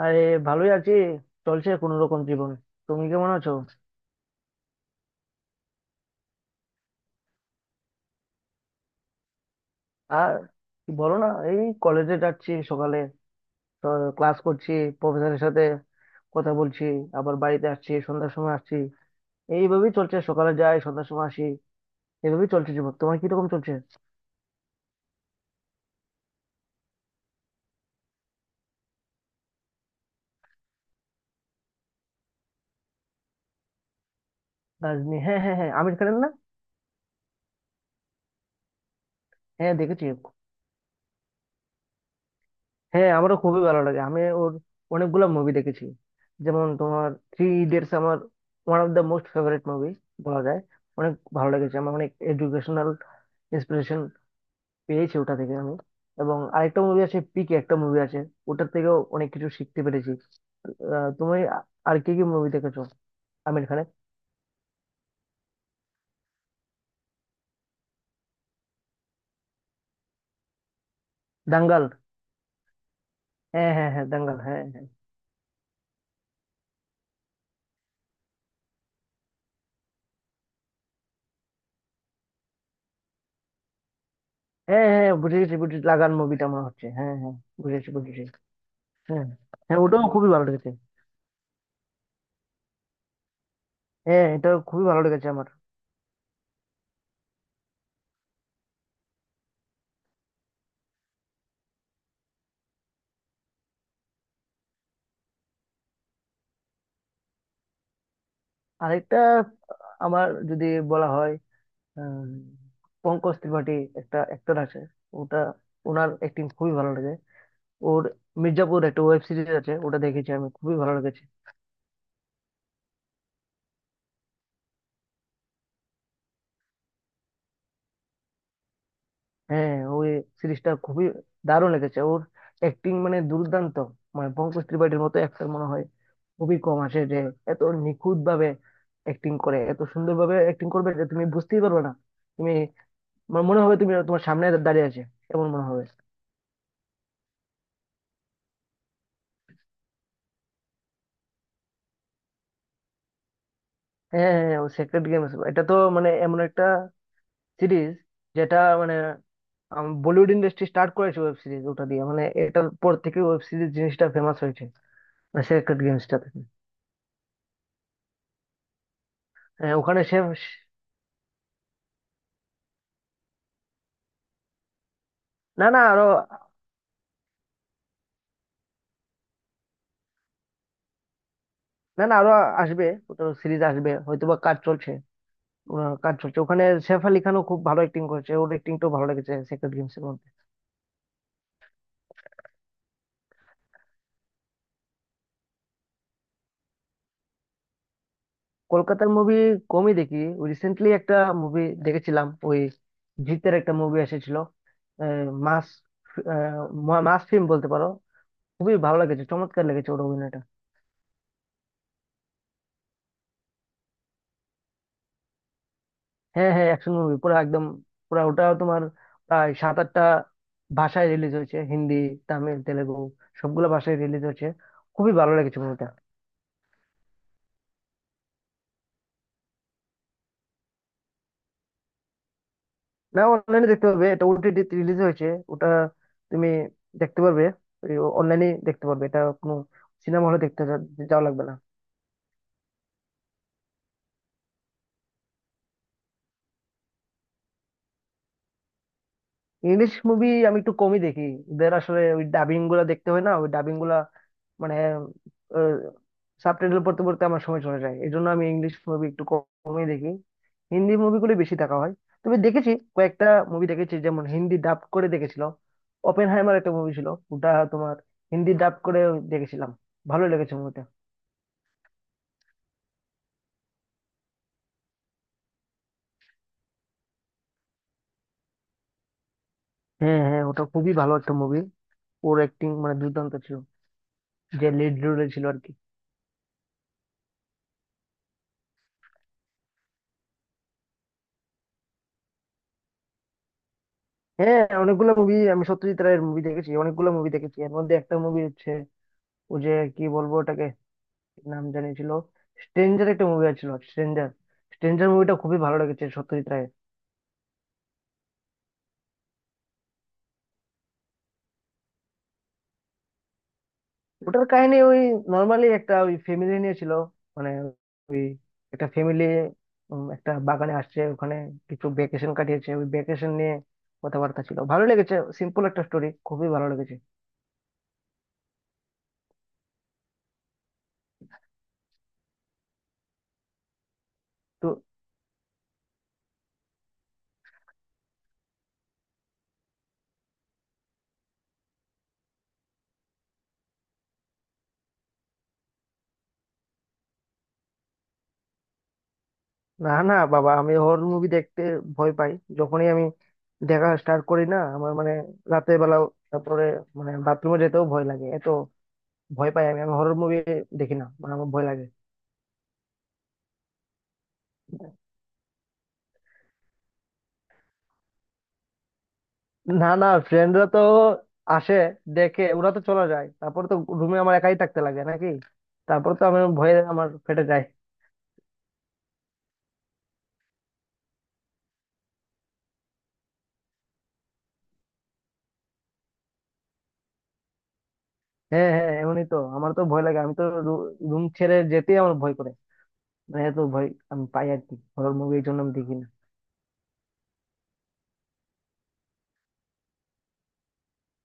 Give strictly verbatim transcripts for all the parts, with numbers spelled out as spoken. আরে, ভালোই আছি। চলছে কোনো রকম জীবন। তুমি কেমন আছো? আর কি বলো না, এই কলেজে যাচ্ছি সকালে, তো ক্লাস করছি, প্রফেসরের সাথে কথা বলছি, আবার বাড়িতে আসছি সন্ধ্যার সময় আসছি। এইভাবেই চলছে, সকালে যাই সন্ধ্যার সময় আসি। এইভাবেই চলছে জীবন। তোমার কিরকম চলছে? রাজনী, হ্যাঁ হ্যাঁ হ্যাঁ, আমির খানের না? হ্যাঁ, দেখেছি। হ্যাঁ, আমারও খুবই ভালো লাগে। আমি ওর অনেকগুলো মুভি দেখেছি। যেমন তোমার থ্রি ইডিয়টস আমার one of the most favourite movie বলা যায়। অনেক ভালো লেগেছে আমার, অনেক এডুকেশনাল ইন্সপিরেশন পেয়েছি ওটা থেকে আমি। এবং আরেকটা মুভি আছে পিকে, একটা মুভি আছে, ওটার থেকেও অনেক কিছু শিখতে পেরেছি। আহ, তুমি আ- আর কি কি মুভি দেখেছো আমির খানের? দাঙ্গাল, হ্যাঁ হ্যাঁ হ্যাঁ, দাঙ্গাল, হ্যাঁ হ্যাঁ, হ্যাঁ হ্যাঁ হ্যাঁ, বুঝে গেছি বুঝে গেছি। লাগান মুভিটা মনে হচ্ছে, হ্যাঁ হ্যাঁ, বুঝেছি বুঝেছি। হ্যাঁ হ্যাঁ, ওটাও খুবই ভালো লেগেছে। হ্যাঁ এটা খুবই ভালো লেগেছে আমার। আরেকটা, আমার যদি বলা হয়, উম, পঙ্কজ ত্রিপাঠী একটা অ্যাক্টর আছে ওটা, ওনার অ্যাক্টিং খুবই ভালো লাগে। ওর মির্জাপুর একটা ওয়েব সিরিজ আছে, ওটা দেখেছি আমি, খুবই ভালো লেগেছে। হ্যাঁ ওই সিরিজটা খুবই দারুণ লেগেছে। ওর অ্যাক্টিং মানে দুর্দান্ত। মানে পঙ্কজ ত্রিপাঠীর মতো অ্যাক্টর মনে হয় খুবই কম আসে, যে এত নিখুঁত ভাবে অ্যাক্টিং করে, এত সুন্দর ভাবে অ্যাক্টিং করবে যে তুমি বুঝতেই পারবে না। তুমি, তোমার মনে হবে তুমি তোমার সামনে দাঁড়িয়ে আছে, এমন মনে হবে। হ্যাঁ হ্যাঁ হ্যাঁ, ও সেক্রেট গেমস, এটা তো মানে এমন একটা সিরিজ, যেটা মানে আম, বলিউড ইন্ডাস্ট্রি স্টার্ট করেছে ওয়েব সিরিজ ওটা দিয়ে। মানে এটার পর থেকে ওয়েব সিরিজ জিনিসটা ফেমাস হয়েছে সেক্রেট গেমসটা থেকে। হ্যাঁ ওখানে সে, না না আরো, না না আরো আসবে। ওটা সিরিজ আসবে হয়তোবা, কাজ চলছে ওরা, কাজ চলছে ওখানে। সেফ আলি খানও খুব ভালো অ্যাক্টিং করেছে, ওর অ্যাক্টিংটাও ভালো লেগেছে সেক্রেট গেমস এর মধ্যে। কলকাতার মুভি কমই দেখি। রিসেন্টলি একটা মুভি দেখেছিলাম, ওই জিতের একটা মুভি এসেছিল। আহ, মাস, আহ, মা- মাস ফিল্ম বলতে পারো। খুবই ভালো লেগেছে, চমৎকার লেগেছে ওর অভিনয়টা। হ্যাঁ হ্যাঁ, অ্যাকশন মুভি পুরো একদম, পুরো ওটা তোমার প্রায় সাত আটটা ভাষায় রিলিজ হয়েছে, হিন্দি, তামিল, তেলেগু, সবগুলো ভাষায় রিলিজ হয়েছে। খুবই ভালো লেগেছে মুভিটা। না, অনলাইনে দেখতে পারবে, এটা ওটিটি রিলিজ হয়েছে। ওটা তুমি দেখতে পারবে, অনলাইনে দেখতে পারবে, এটা কোনো সিনেমা হলে দেখতে যা- যাওয়া লাগবে না। ইংলিশ মুভি আমি একটু কমই দেখি। এদের আসলে ওই ডাবিং গুলা দেখতে হয় না, ওই ডাবিং গুলা মানে সাবটাইটেল পড়তে পড়তে আমার সময় চলে যায়, এই জন্য আমি ইংলিশ মুভি একটু কম- কমই দেখি। হিন্দি মুভিগুলো বেশি দেখা হয়, তবে দেখেছি কয়েকটা মুভি দেখেছি, যেমন হিন্দি ডাব করে দেখেছিল। ওপেন হাইমার একটা মুভি ছিল, ওটা তোমার হিন্দি ডাব করে দেখেছিলাম। ভালো লেগেছে মুভিটা। হ্যাঁ হ্যাঁ, ওটা খুবই ভালো একটা মুভি। ওর অ্যাক্টিং মানে দুর্দান্ত ছিল, যে লিড রোলে ছিল আর কি। হ্যাঁ অনেকগুলো মুভি আমি সত্যজিৎ রায়ের মুভি দেখেছি, অনেকগুলো মুভি দেখেছি। এর মধ্যে একটা মুভি হচ্ছে, ও যে, কি বলবো ওটাকে, কি নাম জানি ছিল, স্ট্রেঞ্জার, একটা মুভি ছিল স্ট্রেঞ্জার। স্ট্রেঞ্জার মুভিটা খুবই ভালো লেগেছে সত্যজিৎ রায়ের। ওটার কাহিনী ওই নর্মালি একটা ওই ফ্যামিলি নিয়ে ছিল, মানে ওই একটা ফ্যামিলি একটা বাগানে আসছে, ওখানে কিছু ভ্যাকেশন কাটিয়েছে, ওই ভ্যাকেশন নিয়ে কথাবার্তা ছিল, ভালো লেগেছে। সিম্পল একটা স্টোরি, খুবই ভালো লেগেছে। তো না না বাবা, আমি হরর মুভি দেখতে ভয় পাই। যখনই আমি দেখা স্টার্ট করি না, আমার মানে রাতের বেলা, তারপরে মানে বাথরুমে যেতেও ভয় লাগে, এত ভয় পাই আমি। আমি হরর মুভি দেখি না, মানে আমার ভয় লাগে। না না, ফ্রেন্ডরা তো আসে, দেখে, ওরা তো চলে যায়, তারপর তো রুমে আমার একাই থাকতে লাগে নাকি, তারপর তো আমি ভয়ে আমার ফেটে যায়। হ্যাঁ হ্যাঁ এমনই, তো আমার তো ভয় লাগে, আমি তো রুম ছেড়ে যেতেই আমার ভয় করে। মানে এত ভয় আমি পাই আর কি হরর মুভি, এই জন্য আমি দেখি না।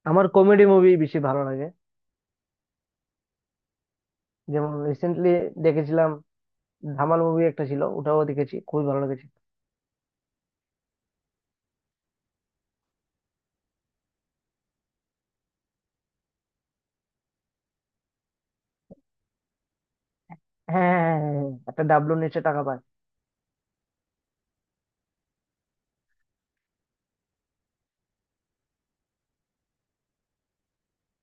আমার কমেডি মুভি বেশি ভালো লাগে, যেমন রিসেন্টলি দেখেছিলাম ধামাল মুভি একটা ছিল, ওটাও দেখেছি, খুবই ভালো লেগেছে। হ্যাঁ হ্যাঁ হ্যাঁ হ্যাঁ, হ্যাঁ, একটা ডাবলু নিচে টাকা পায়।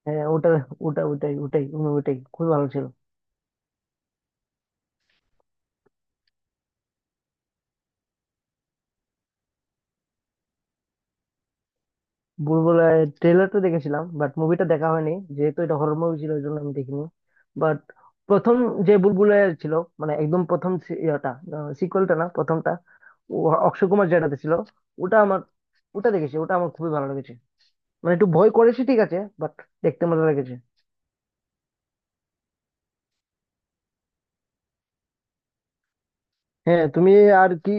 হ্যাঁ ওটা, ওটা ওটাই ওটাই মুভিটাই খুবই ভালো ছিল। বুলবুল ট্রেলার তো দেখেছিলাম, বাট মুভিটা দেখা হয়নি, যেহেতু এটা হরর মুভি ছিল ওই জন্য আমি দেখিনি। বাট প্রথম যে বুলবুলের ছিল, মানে একদম প্রথম, সি- ইয়েটা, সিকুয়েলটা না, প্রথমটা, ও অক্ষয় কুমার যেটাতে ছিল, ওটা আমার, ওটা দেখেছি, ওটা আমার খুবই ভালো লেগেছে। মানে একটু ভয় করেছি ঠিক আছে, বাট দেখতে মজা লেগেছে। হ্যাঁ তুমি, আর কি,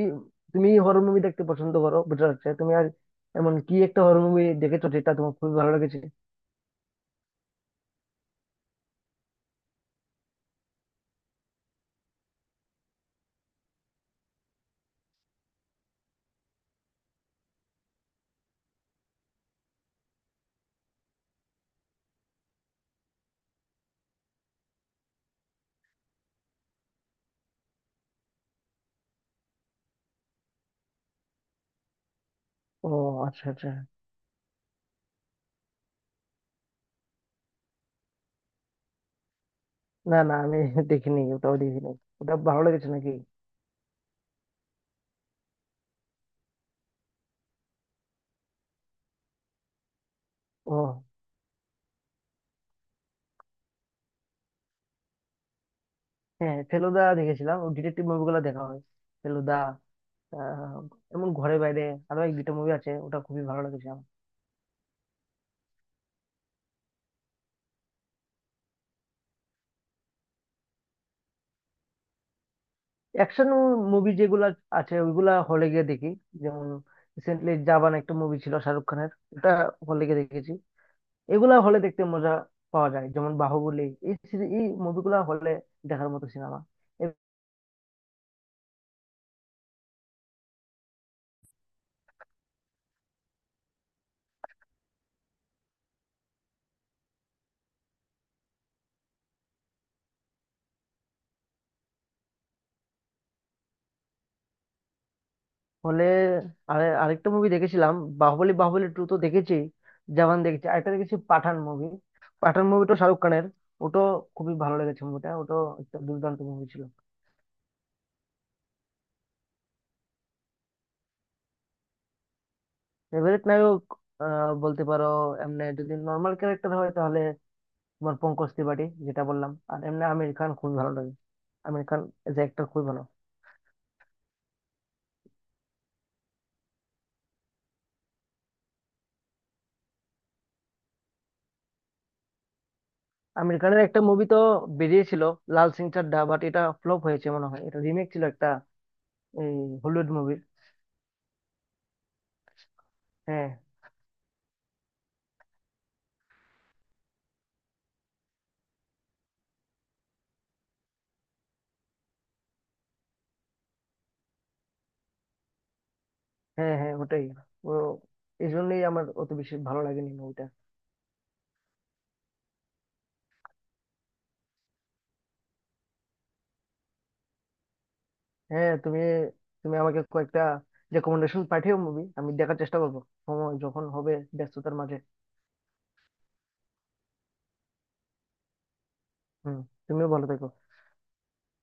তুমি হরর মুভি দেখতে পছন্দ করো বুঝতে পারছি। তুমি আর এমন কি একটা হরর মুভি দেখেছো যেটা তোমার খুবই ভালো লেগেছে? ও আচ্ছা আচ্ছা। না না আমি দেখিনি, ওটাও দেখিনি। ওটা ভালো লেগেছে নাকি? ও হ্যাঁ, ফেলুদা দেখেছিলাম, ও ডিটেকটিভ মুভিগুলো দেখা হয়, ফেলুদা, আহ, এমন ঘরে বাইরে, আরো এক দুইটা মুভি আছে, ওটা খুবই ভালো লেগেছে আমার। অ্যাকশন মুভি যেগুলা আছে ওইগুলা হলে গিয়ে দেখি। যেমন রিসেন্টলি জাবান একটা মুভি ছিল শাহরুখ খানের, ওটা হলে গিয়ে দেখেছি। এগুলা হলে দেখতে মজা পাওয়া যায়, যেমন বাহুবলী, এই সিরি- এই মুভিগুলা হলে দেখার মতো সিনেমা। হলে আর আরেকটা মুভি দেখেছিলাম, বাহুবলী, বাহুবলী টু তো দেখেছি, জওয়ান দেখেছি, আরেকটা দেখেছি পাঠান মুভি, পাঠান মুভিটা শাহরুখ খানের। ওটাও খুবই ভালো লেগেছে মুভিটা, ওটাও একটা দুর্দান্ত মুভি ছিল। ফেভারিট নায়ক, আহ, বলতে পারো এমনি যদি নর্মাল ক্যারেক্টার হয় তাহলে তোমার পঙ্কজ ত্রিপাঠী, যেটা বললাম। আর এমনি আমির খান খুবই ভালো লাগে, Aamir Khan as a actor খুবই ভালো। আমেরিকানের একটা মুভি তো বেরিয়েছিল, লাল সিং চাড্ডা, বাট এটা ফ্লপ হয়েছে মনে হয়, এটা রিমেক ছিল একটা, এই হলিউড মুভির। হ্যাঁ হ্যাঁ হ্যাঁ ওটাই, ও এই জন্যই আমার অত বেশি ভালো লাগেনি মুভিটা। হ্যাঁ তুমি, তুমি আমাকে কয়েকটা রেকমেন্ডেশন পাঠিও মুভি, আমি দেখার চেষ্টা করবো, সময় যখন হবে, ব্যস্ততার মাঝে। হুম, তুমিও ভালো থেকো।